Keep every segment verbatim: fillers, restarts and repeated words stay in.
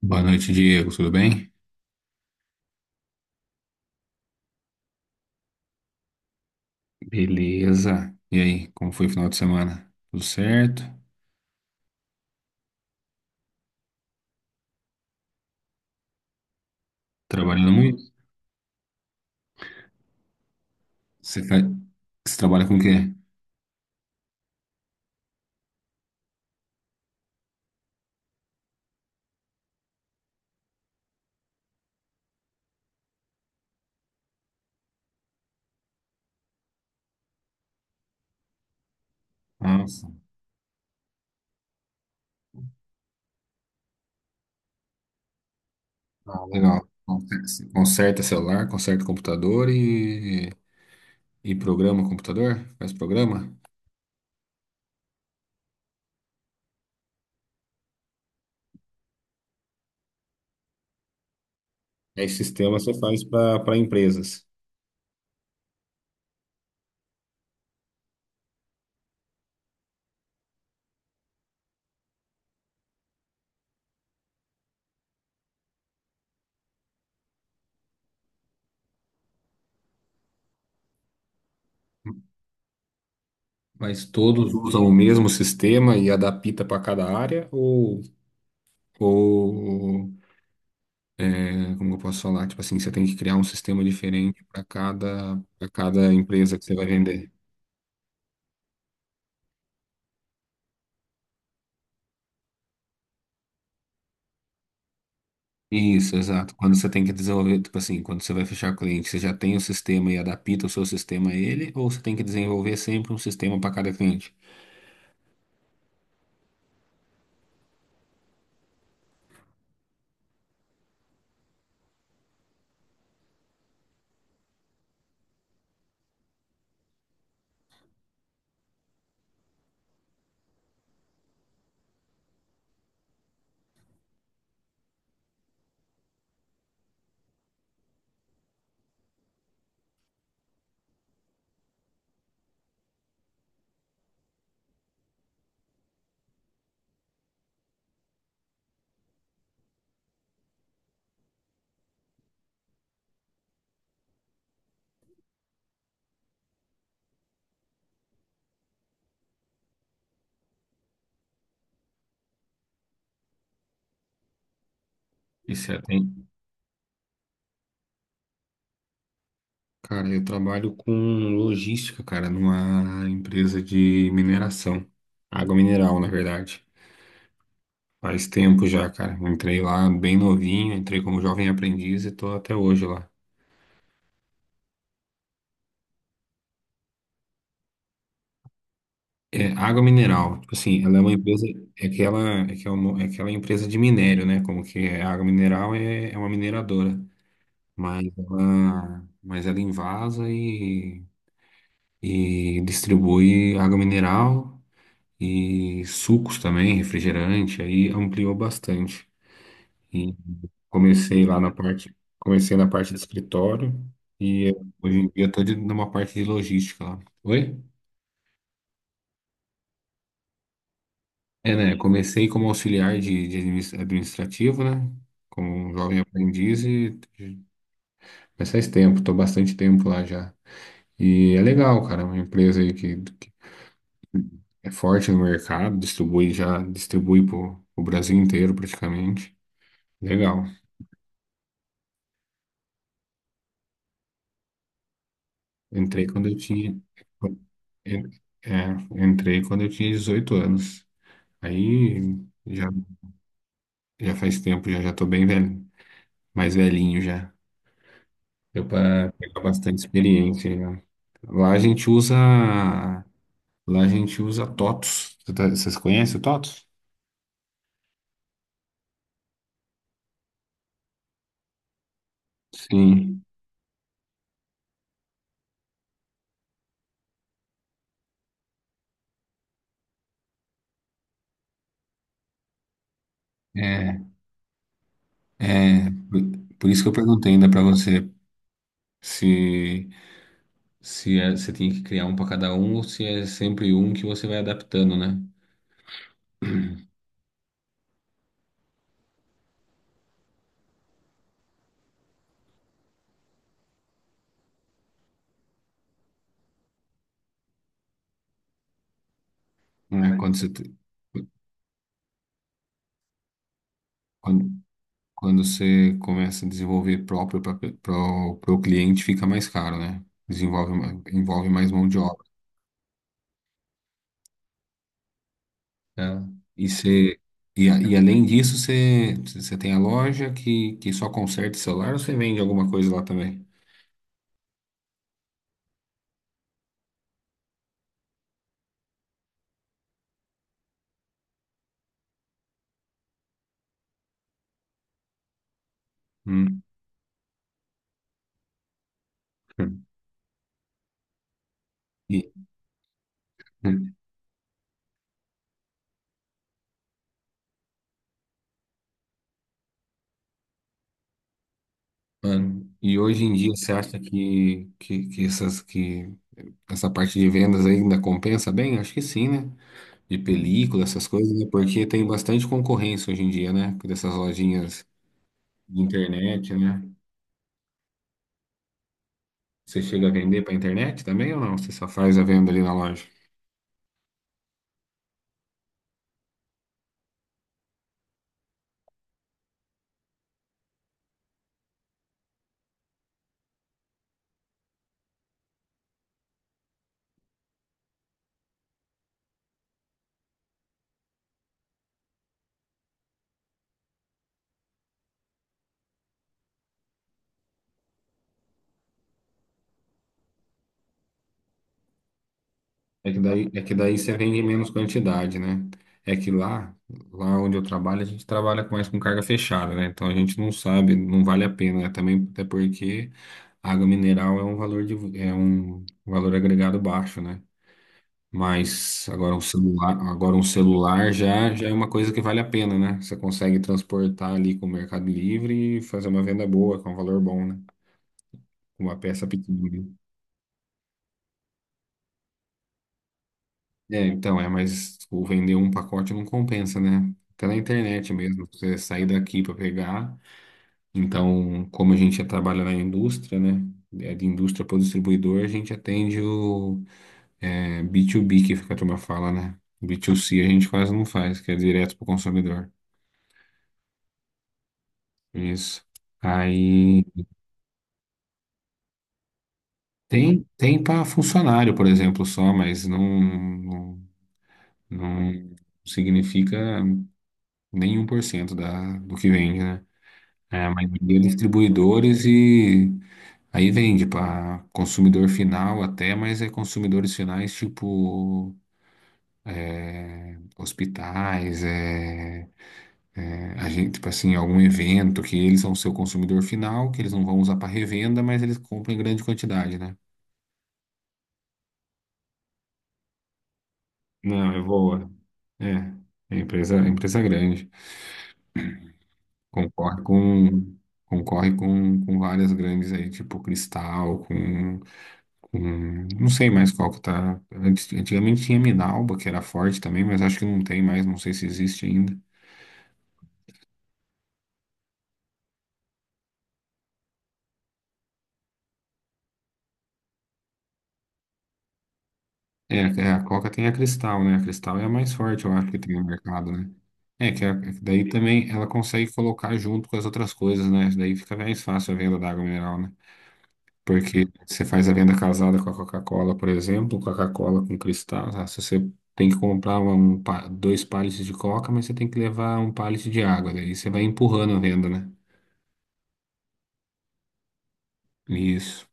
Boa noite, Diego. Tudo bem? Beleza. E aí, como foi o final de semana? Tudo certo? Trabalhando muito? Você, fa... Você trabalha com o quê? Nossa. Ah, legal. Conser- Conserta celular, conserta computador e, e programa computador? Faz programa? É esse sistema você faz para empresas. Mas todos usam o mesmo sistema e adapta para cada área? Ou, ou, né? Como eu posso falar? Tipo assim, você tem que criar um sistema diferente para cada, para cada empresa que você vai vender. Isso, exato. Quando você tem que desenvolver, tipo assim, quando você vai fechar cliente, você já tem o sistema e adapta o seu sistema a ele, ou você tem que desenvolver sempre um sistema para cada cliente? Isso é, tem. Cara, eu trabalho com logística, cara, numa empresa de mineração, água mineral, na verdade. Faz tempo já, cara. Eu entrei lá bem novinho, entrei como jovem aprendiz e tô até hoje lá. É, água mineral, tipo assim, ela é uma empresa, é que ela, é que é uma, é que ela é empresa de minério, né? Como que é, a água mineral é, é uma mineradora, mas ela, mas ela invasa e, e distribui água mineral e sucos também, refrigerante, aí ampliou bastante. E comecei lá na parte, comecei na parte de escritório e hoje em dia estou numa parte de logística lá. Oi? É, né? Comecei como auxiliar de, de adminis- administrativo, né? Como um jovem aprendiz e mas faz tempo, tô bastante tempo lá já. E é legal, cara, é uma empresa aí que, que é forte no mercado, distribui já, distribui pro, pro Brasil inteiro praticamente. Legal. Entrei quando eu tinha, en- é, entrei quando eu tinha dezoito anos. Aí já, já faz tempo, já já tô bem velho, mais velhinho já. Deu para pegar bastante experiência, né? Lá a gente usa, lá a gente usa TOTS. Você tá- Vocês conhecem o TOTS? Sim. É, é, por por isso que eu perguntei ainda para você se se é- você tem que criar um para cada um ou se é sempre um que você vai adaptando, né? É, quando você te- quando, quando você começa a desenvolver próprio para o cliente, fica mais caro, né? Desenvolve, ma- envolve mais mão de obra, né? E, você, e, a- e além disso, você, você tem a loja que, que só conserta celular ou você vende alguma coisa lá também? Hum. E, mano, e hoje em dia você acha que, que, que, essas, que essa parte de vendas ainda compensa bem? Acho que sim, né? De película, essas coisas, né? Porque tem bastante concorrência hoje em dia, né? Dessas lojinhas de internet, né? Você chega a vender para internet também ou não? Você só faz a venda ali na loja? É que daí, é que daí você vende menos quantidade, né? É que lá, lá onde eu trabalho, a gente trabalha mais com carga fechada, né? Então a gente não sabe, não vale a pena, né? Também até porque água mineral é um valor de, é um valor agregado baixo, né? Mas agora um celular, agora um celular já, já é uma coisa que vale a pena, né? Você consegue transportar ali com o Mercado Livre e fazer uma venda boa, com um valor bom, né? Com uma peça pequena, né? É, então, é, mas tipo, vender um pacote não compensa, né? Até na internet mesmo, você sair daqui para pegar. Então, como a gente já trabalha na indústria, né? É de indústria para o distribuidor, a gente atende o é, B dois B, que fica a turma fala, né? B dois C a gente quase não faz, que é direto para o consumidor. Isso. Aí tem, tem para funcionário, por exemplo, só, mas não, não, não significa nem um por cento da, do que vende, né? É, a maioria é distribuidores e aí vende para consumidor final até, mas é consumidores finais tipo hospitais, é, é, a gente, tipo assim, algum evento que eles são seu consumidor final, que eles não vão usar para revenda, mas eles compram em grande quantidade, né? Não, é boa. É, é empresa, é empresa grande. Concorre com, concorre com, com várias grandes aí, tipo Cristal, com Hum, não sei mais qual que tá. Antes- Antigamente tinha Minalba, que era forte também, mas acho que não tem mais, não sei se existe ainda. É, é, a Coca tem a Cristal, né? A Cristal é a mais forte, eu acho que tem no mercado, né? É, que, a, é que daí também ela consegue colocar junto com as outras coisas, né? Daí fica mais fácil a venda da água mineral, né? Porque você faz a venda casada com a Coca-Cola, por exemplo, Coca-Cola com Cristal, tá? Se você tem que comprar uma- um pa- dois pallets de Coca, mas você tem que levar um pallet de água, daí você vai empurrando a venda, né? Isso.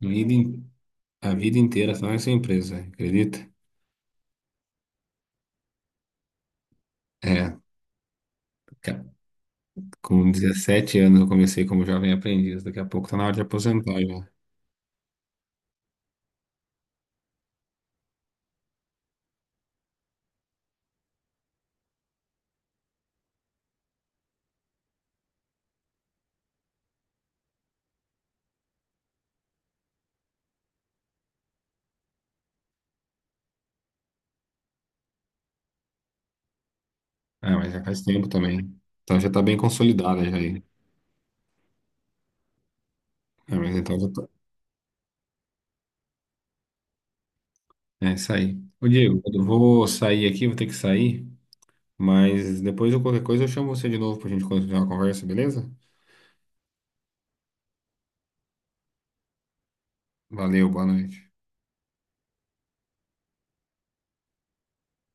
Vida in- a vida inteira só nessa empresa, acredita? É, ca- com dezessete anos eu comecei como jovem aprendiz, daqui a pouco tá na hora de aposentar já. Ah, mas já faz tempo também. Então já tá bem consolidada já aí. Ah, mas então já tá. É isso aí. Ô Diego, eu vou sair aqui, vou ter que sair, mas depois de qualquer coisa eu chamo você de novo pra gente continuar a conversa, beleza? Valeu, boa noite.